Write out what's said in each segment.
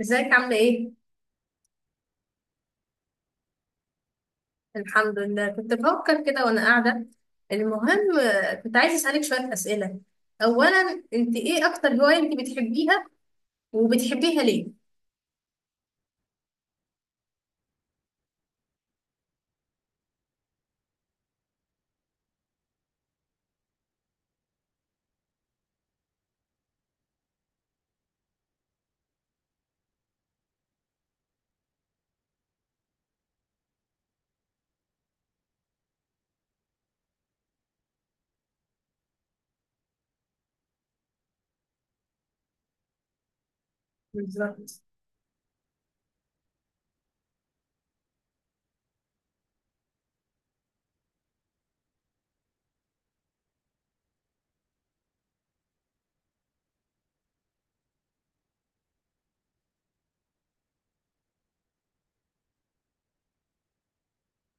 ازيك؟ عاملة ايه؟ الحمد لله، كنت بفكر كده وانا قاعدة. المهم كنت عايزة اسألك شوية اسئلة. اولا، انت ايه اكتر هواية انت بتحبيها؟ وبتحبيها ليه؟ بالظبط.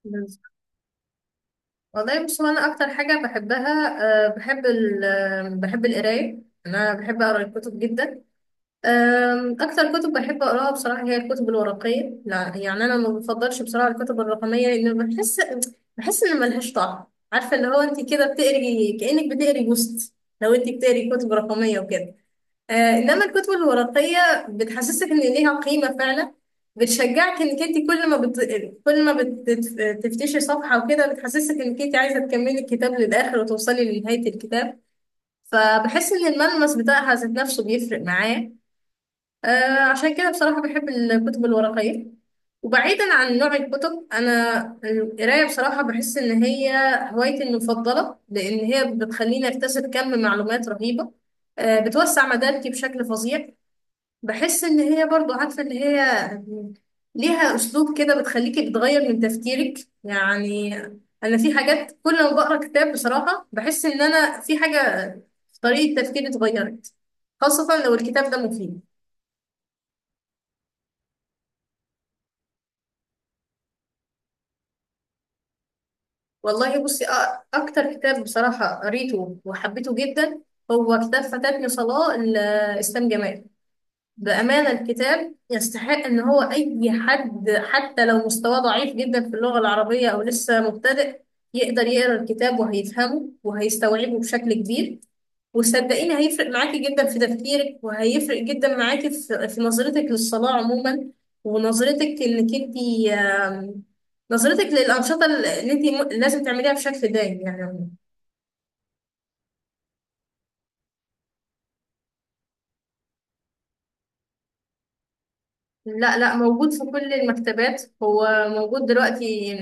بالظبط. والله بص، هو انا اكتر حاجة بحبها، أه بحب ال بحب القراية. انا بحب اقرا الكتب جدا. أكتر كتب بحب أقراها بصراحة هي الكتب الورقية. لا يعني أنا ما بفضلش بصراحة الكتب الرقمية، لأن بحس، بحس إن ملهاش طعم. عارفة اللي هو أنت كده بتقري كأنك بتقري بوست لو أنت بتقري كتب رقمية وكده. آه، إنما الكتب الورقية بتحسسك إن ليها قيمة فعلا، بتشجعك إنك أنت كل ما بتفتشي صفحة وكده بتحسسك إنك أنت عايزة تكملي الكتاب للآخر وتوصلي لنهاية الكتاب. فبحس إن الملمس بتاعها ذات نفسه بيفرق معايا. عشان كده بصراحة بحب الكتب الورقية. وبعيدا عن نوع الكتب، أنا القراية بصراحة بحس إن هي هوايتي المفضلة، لأن هي بتخليني أكتسب كم معلومات رهيبة. بتوسع مداركي بشكل فظيع. بحس إن هي برضو، عارفة، إن هي ليها أسلوب كده بتخليكي بتغير من تفكيرك يعني. أنا في حاجات كل ما بقرأ كتاب بصراحة بحس إن أنا في حاجة في طريقة تفكيري اتغيرت، خاصة لو الكتاب ده مفيد. والله بصي، اكتر كتاب بصراحة قريته وحبيته جدا هو كتاب فاتتني صلاة لإسلام جمال. بأمانة الكتاب يستحق ان هو اي حد حتى لو مستواه ضعيف جدا في اللغة العربية او لسه مبتدئ يقدر يقرأ الكتاب وهيفهمه وهيستوعبه بشكل كبير. وصدقيني هيفرق معاكي جدا في تفكيرك، وهيفرق جدا معاكي في نظرتك للصلاة عموما، ونظرتك انك انت، نظرتك للأنشطة اللي انت لازم تعمليها بشكل دايم يعني. لا، موجود في كل المكتبات، هو موجود دلوقتي.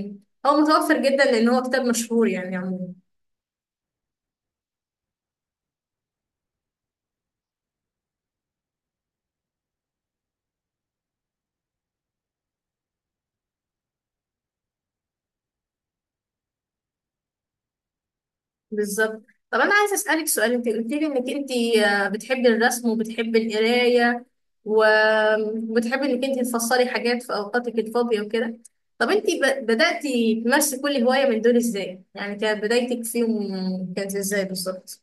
هو متوفر جدا لأن هو كتاب مشهور يعني عموما. بالظبط. طب انا عايزه اسالك سؤال. انت قلت لي انك انت بتحبي الرسم وبتحبي القرايه و- وبتحبي انك انت تفصلي حاجات في اوقاتك الفاضيه وكده. طب انت بداتي تمارسي كل هوايه من دول ازاي؟ يعني كانت بدايتك فيهم كانت ازاي بالظبط؟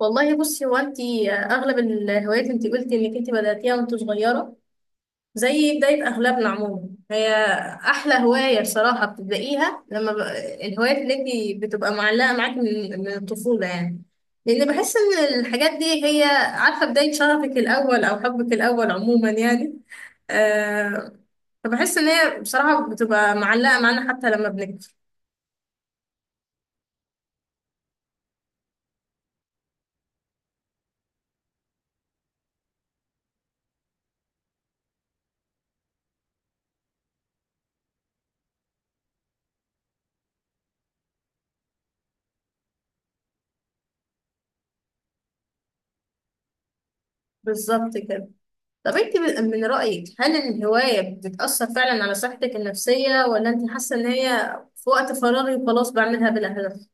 والله بصي، هو انت اغلب الهوايات انت قلتي انك انت بداتيها وانت صغيره، زي بداية أغلبنا عموما. هي أحلى هواية بصراحة بتبدأيها لما الهوايات اللي انت بتبقى معلقة معاك من الطفولة يعني، لأن بحس إن الحاجات دي هي، عارفة، بداية شغفك الأول أو حبك الأول عموما يعني. آه... فبحس إن هي بصراحة بتبقى معلقة معانا حتى لما بنكبر. بالظبط كده. طب انت من رأيك هل الهواية بتأثر فعلا على صحتك النفسية، ولا انت حاسة إن هي في وقت فراغي وخلاص بعملها بلا هدف؟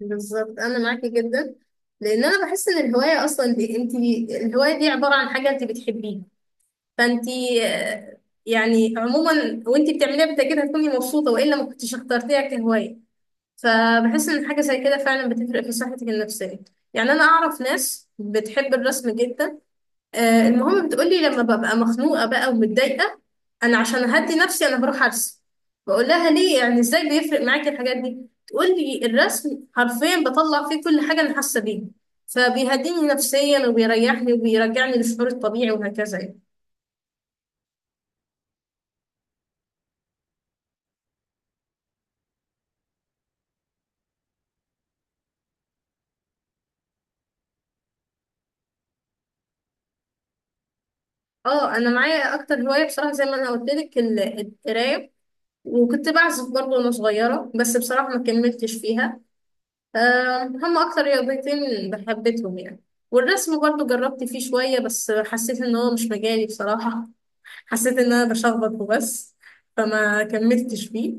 بالظبط انا معاكي جدا. لان انا بحس ان الهوايه اصلا دي انت، الهوايه دي عباره عن حاجه انت بتحبيها، فانت آه، يعني عموما وانت بتعمليها بالتاكيد هتكوني مبسوطه، والا ما كنتش اخترتيها كهوايه. فبحس ان حاجه زي كده فعلا بتفرق في صحتك النفسيه. يعني انا اعرف ناس بتحب الرسم جدا. المهم بتقولي لما ببقى مخنوقة بقى ومتضايقة، أنا عشان أهدي نفسي أنا بروح أرسم. بقول لها ليه؟ يعني إزاي بيفرق معاكي الحاجات دي؟ تقولي الرسم حرفيا بطلع فيه كل حاجة أنا حاسة بيها، فبيهديني نفسيا وبيريحني وبيرجعني للشعور الطبيعي وهكذا يعني. اه، أنا معايا أكتر هواية بصراحة زي ما أنا قلت لك القراية. وكنت بعزف برضه وأنا صغيرة، بس بصراحة ما كملتش فيها. هم أكتر رياضتين بحبتهم يعني. والرسم برضو جربت فيه شوية بس حسيت إن هو مش مجالي بصراحة. حسيت إن أنا بشخبط وبس، فما كملتش فيه.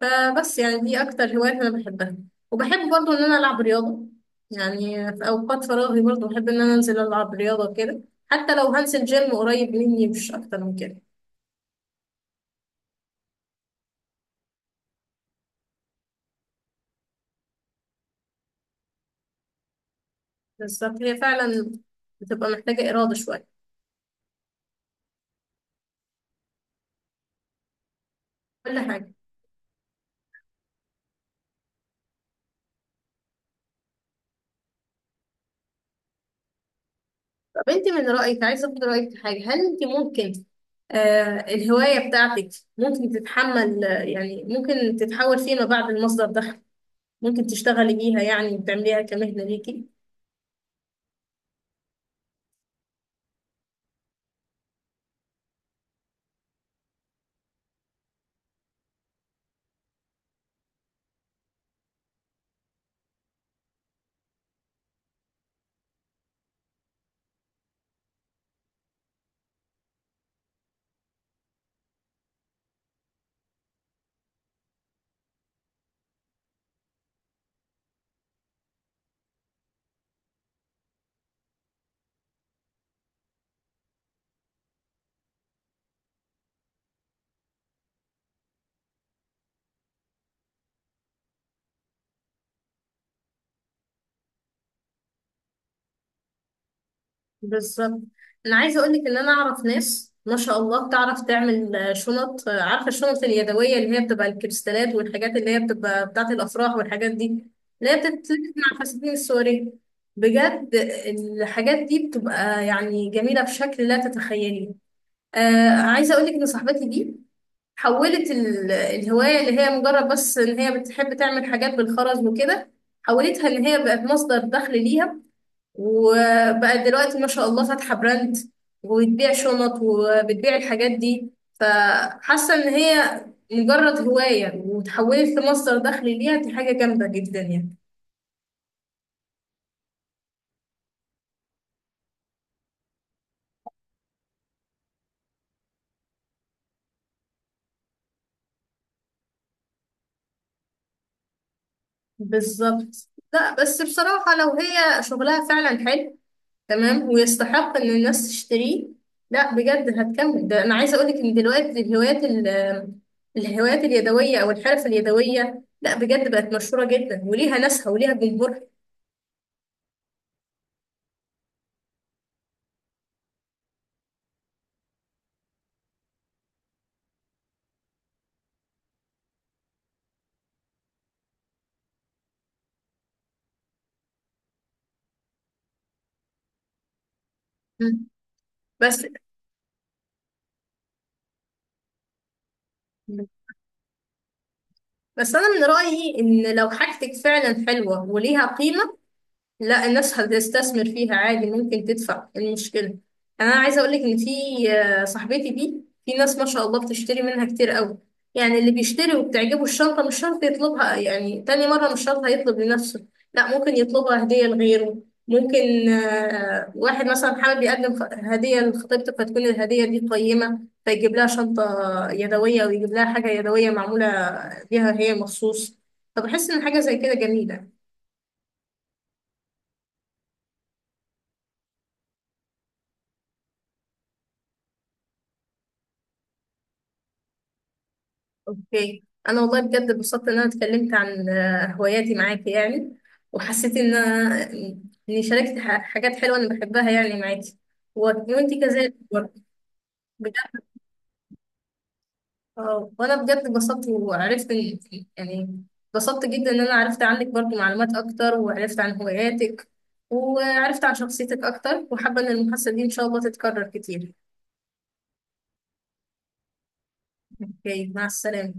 فبس يعني دي أكتر هواية أنا بحبها. وبحب برضو إن أنا ألعب رياضة. يعني في أوقات فراغي برضو بحب إن أنا أنزل ألعب رياضة كده، حتى لو هنزل جيم قريب مني مش أكتر من كده. بالظبط، هي فعلا بتبقى محتاجة إرادة شوية، كل حاجة. طب انت من رأيك، عايزة اخد رأيك في حاجة، هل انت ممكن، آه، الهواية بتاعتك ممكن تتحمل، يعني ممكن تتحول فيما بعد لمصدر دخل؟ ممكن تشتغلي بيها يعني وتعمليها كمهنة ليكي؟ بالظبط. انا عايزة اقولك ان انا اعرف ناس ما شاء الله تعرف تعمل، شنط، عارفة الشنط اليدوية اللي هي بتبقى الكريستالات والحاجات اللي هي بتبقى بتاعة الافراح والحاجات دي، اللي هي بتتلبس مع الفساتين السورية. بجد الحاجات دي بتبقى يعني جميلة بشكل لا تتخيلي. آه، عايزة أقولك إن صاحبتي دي حولت الهواية اللي هي مجرد بس إن هي بتحب تعمل حاجات بالخرز وكده، حولتها إن هي بقت مصدر دخل ليها. وبقت دلوقتي ما شاء الله فاتحة براند وبتبيع شنط وبتبيع الحاجات دي. فحاسة إن هي مجرد هواية وتحولت لمصدر دخل ليها، دي حاجة جامدة جدا يعني. بالظبط. لا بس بصراحة لو هي شغلها فعلا حلو تمام ويستحق ان الناس تشتريه، لا بجد هتكمل. ده انا عايزه اقول لك ان دلوقتي الهوايات الهوايات اليدويه او الحرف اليدويه لا بجد بقت مشهوره جدا وليها ناسها وليها جمهورها. مم. بس، بس انا من رايي ان لو حاجتك فعلا حلوه وليها قيمه، لا الناس هتستثمر فيها عادي. ممكن تدفع، إيه المشكلة؟ يعني أنا عايزة أقولك إن في، صاحبتي دي في ناس ما شاء الله بتشتري منها كتير قوي. يعني اللي بيشتري وبتعجبه الشنطة مش شرط يطلبها يعني تاني مرة، مش شرط هيطلب لنفسه، لا ممكن يطلبها هدية لغيره. ممكن واحد مثلا حابب يقدم هدية لخطيبته فتكون الهدية دي قيمة، فيجيب لها شنطة يدوية، ويجيب لها حاجة يدوية معمولة بيها هي مخصوص. فبحس إن حاجة زي كده جميلة. اوكي. انا والله بجد اتبسطت ان انا اتكلمت عن هواياتي معاكي يعني، وحسيت ان اني شاركت حاجات حلوه انا بحبها يعني معاكي، وانتي كذلك برضه. بجد. وانا بجد اتبسطت وعرفت يعني اتبسطت جدا ان انا عرفت عنك برضه معلومات اكتر، وعرفت عن هواياتك، وعرفت عن شخصيتك اكتر، وحابه ان المحادثه دي ان شاء الله تتكرر كتير. اوكي، مع السلامه.